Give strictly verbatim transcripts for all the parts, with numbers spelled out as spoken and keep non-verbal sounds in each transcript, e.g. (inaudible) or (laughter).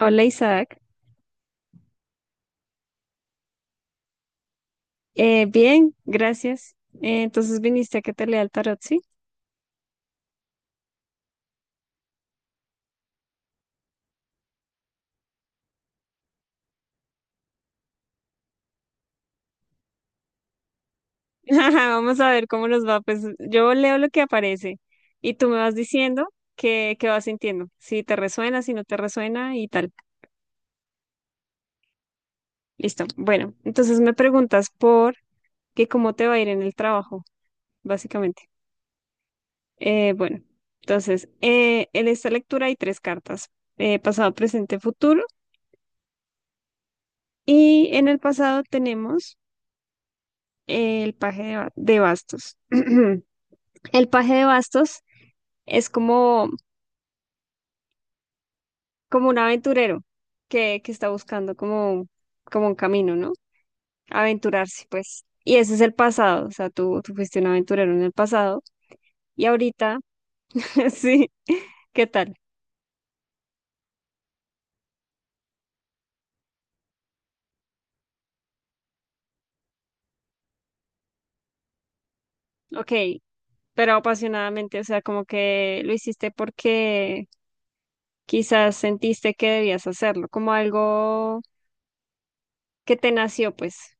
Hola, Isaac. Eh, bien, gracias. Eh, entonces viniste a que te lea el tarot, ¿sí? (laughs) Vamos a ver cómo nos va. Pues yo leo lo que aparece y tú me vas diciendo qué, qué vas sintiendo, si te resuena, si no te resuena y tal. Listo. Bueno, entonces me preguntas por que cómo te va a ir en el trabajo, básicamente. Eh, bueno, entonces eh, en esta lectura hay tres cartas, eh, pasado, presente, futuro. Y en el pasado tenemos eh, el paje de, ba- de bastos. (clears throat) El paje de bastos es como, como un aventurero que, que está buscando como, como un camino, ¿no? Aventurarse, pues. Y ese es el pasado, o sea, tú, tú fuiste un aventurero en el pasado y ahorita, (laughs) sí, ¿qué tal? Ok, pero apasionadamente, o sea, como que lo hiciste porque quizás sentiste que debías hacerlo, como algo que te nació, pues.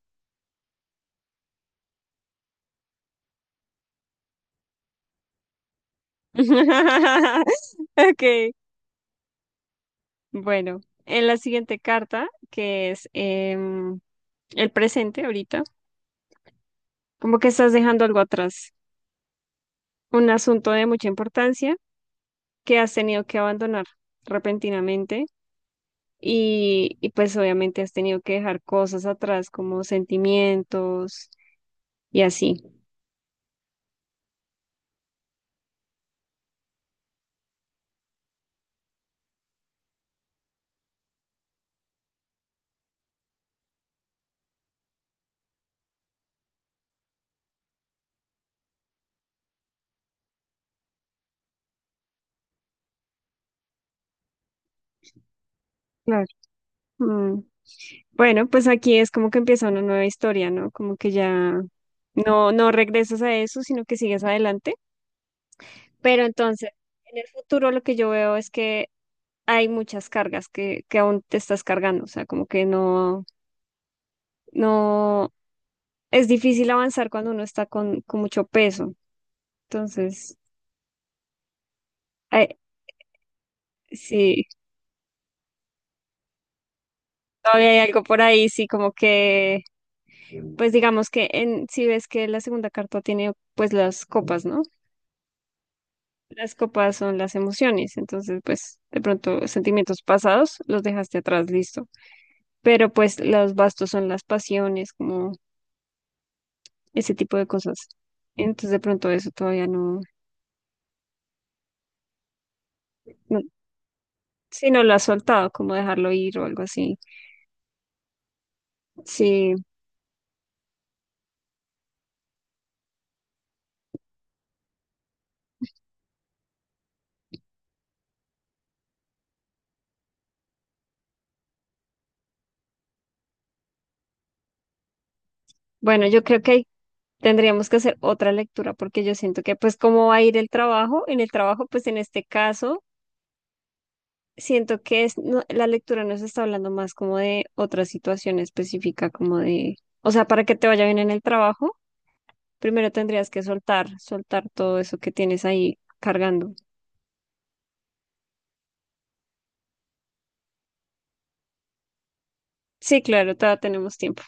(laughs) Ok, bueno, en la siguiente carta, que es... Eh, el presente ahorita, como que estás dejando algo atrás, un asunto de mucha importancia que has tenido que abandonar repentinamente y, y pues obviamente has tenido que dejar cosas atrás como sentimientos y así. Claro. Mm. Bueno, pues aquí es como que empieza una nueva historia, ¿no? Como que ya no, no regresas a eso, sino que sigues adelante. Pero entonces, en el futuro lo que yo veo es que hay muchas cargas que, que aún te estás cargando, o sea, como que no, no, es difícil avanzar cuando uno está con, con mucho peso. Entonces, eh, sí, todavía hay algo por ahí, sí, como que, pues digamos que en, si ves que la segunda carta tiene pues las copas, ¿no? Las copas son las emociones, entonces pues de pronto sentimientos pasados los dejaste atrás, listo. Pero pues los bastos son las pasiones, como ese tipo de cosas. Entonces de pronto eso todavía no, no, sí, no lo has soltado, como dejarlo ir o algo así. Sí, bueno, yo creo que ahí tendríamos que hacer otra lectura porque yo siento que pues cómo va a ir el trabajo, en el trabajo pues en este caso siento que es, no- la lectura nos está hablando más como de otra situación específica, como de, o sea, para que te vaya bien en el trabajo, primero tendrías que soltar, soltar todo eso que tienes ahí cargando. Sí, claro, todavía tenemos tiempo.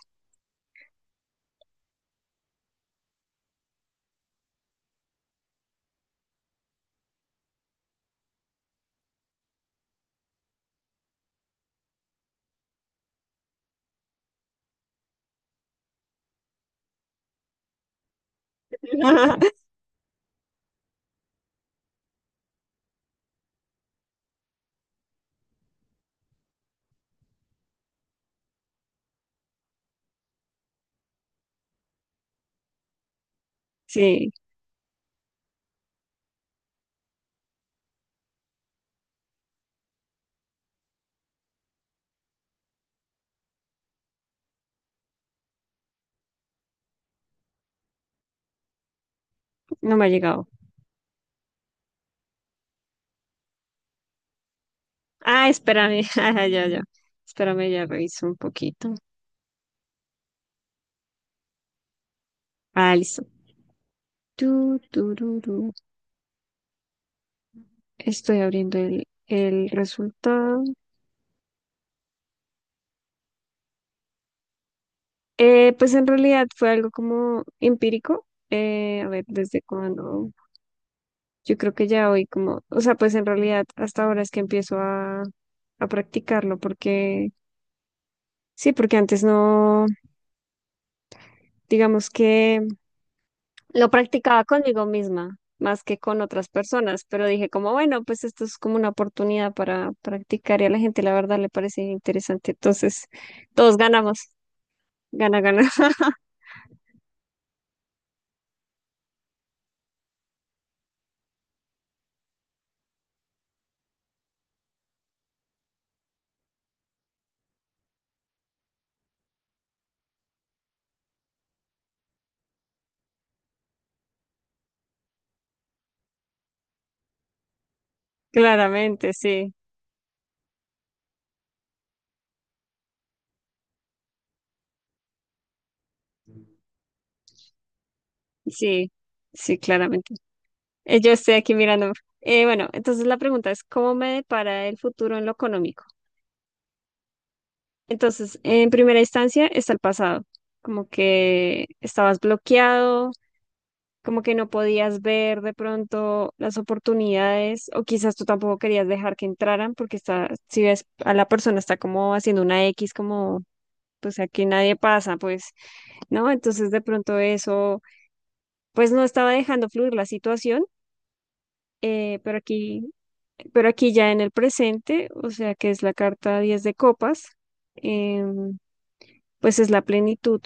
(laughs) Sí, no me ha llegado. Ah, espérame, (laughs) ya, ya, ya. Espérame, ya reviso un poquito. Ah, listo. Tu, tururú. Estoy abriendo el, el resultado. Eh, pues en realidad fue algo como empírico. Eh, a ver, desde cuándo. Yo creo que ya hoy como, o sea, pues en realidad hasta ahora es que empiezo a, a practicarlo porque, sí, porque antes no, digamos que lo practicaba conmigo misma más que con otras personas, pero dije como, bueno, pues esto es como una oportunidad para practicar y a la gente la verdad le parece interesante. Entonces, todos ganamos, gana, gana. Claramente, sí, sí, sí, claramente. Eh, Yo estoy aquí mirando. Eh, bueno, entonces la pregunta es, ¿cómo me depara el futuro en lo económico? Entonces, en primera instancia está el pasado, como que estabas bloqueado, como que no podías ver de pronto las oportunidades, o quizás tú tampoco querías dejar que entraran, porque está, si ves a la persona está como haciendo una X, como, pues aquí nadie pasa, pues, ¿no? Entonces de pronto eso, pues no estaba dejando fluir la situación. Eh, pero aquí, pero aquí ya en el presente, o sea que es la carta diez de copas, em, pues es la plenitud,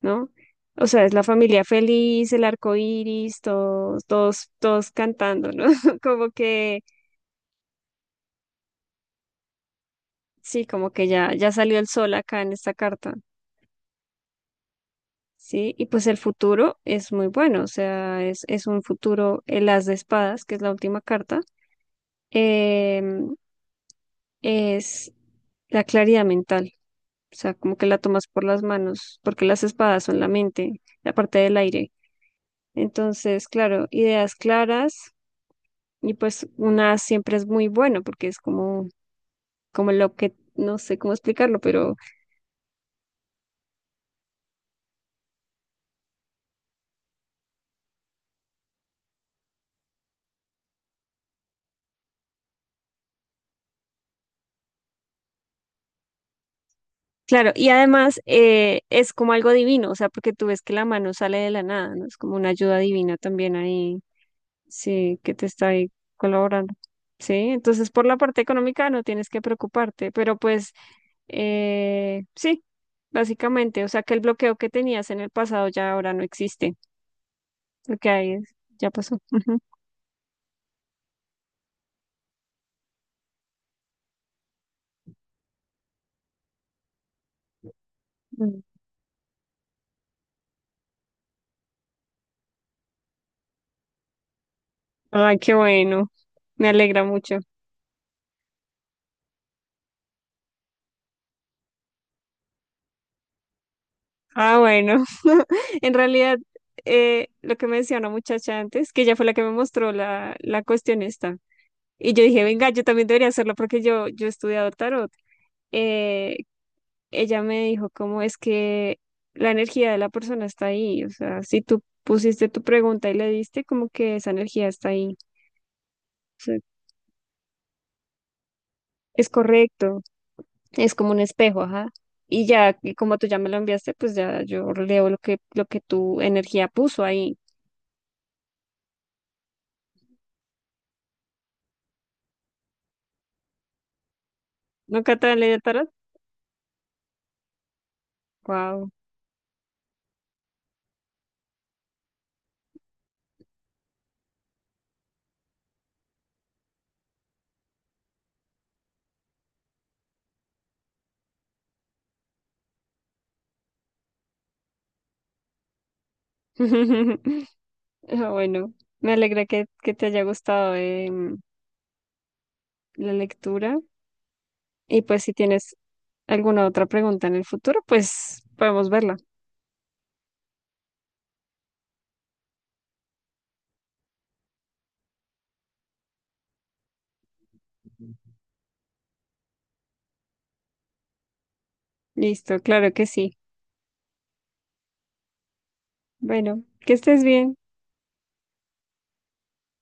¿no? O sea, es la familia feliz, el arco iris, todos, todos, todos cantando, ¿no? (laughs) Como que, sí, como que ya, ya salió el sol acá en esta carta, ¿sí? Y pues el futuro es muy bueno, o sea, es, es un futuro, el as de espadas, que es la última carta, em, es la claridad mental. O sea, como que la tomas por las manos, porque las espadas son la mente, la parte del aire. Entonces, claro, ideas claras y pues una siempre es muy bueno porque es como, como lo que, no sé cómo explicarlo, pero claro, y además eh, es como algo divino, o sea, porque tú ves que la mano sale de la nada, ¿no? Es como una ayuda divina también ahí, sí, que te está ahí colaborando. Sí, entonces por la parte económica no tienes que preocuparte, pero pues Eh, sí, básicamente, o sea que el bloqueo que tenías en el pasado ya ahora no existe, lo que hay es, ya pasó. Ujú. Mm. Ay, qué bueno, me alegra mucho. Ah, bueno, (laughs) en realidad eh, lo que me decía una muchacha antes, que ella fue la que me mostró la, la cuestión esta, y yo dije, venga, yo también debería hacerlo porque yo, yo he estudiado tarot. Eh, ella me dijo cómo es que la energía de la persona está ahí, o sea, si tú pusiste tu pregunta y le diste, como que esa energía está ahí. O sea, es correcto, es como un espejo, ajá. Y ya, y como tú ya me lo enviaste, pues ya yo leo lo que, lo que tu energía puso ahí. ¿Nunca te han leído el tarot? Wow. (laughs) Ah, bueno, me alegra que, que te haya gustado em, la lectura. Y pues si tienes alguna otra pregunta en el futuro, pues podemos verla. Listo, claro que sí. Bueno, que estés bien.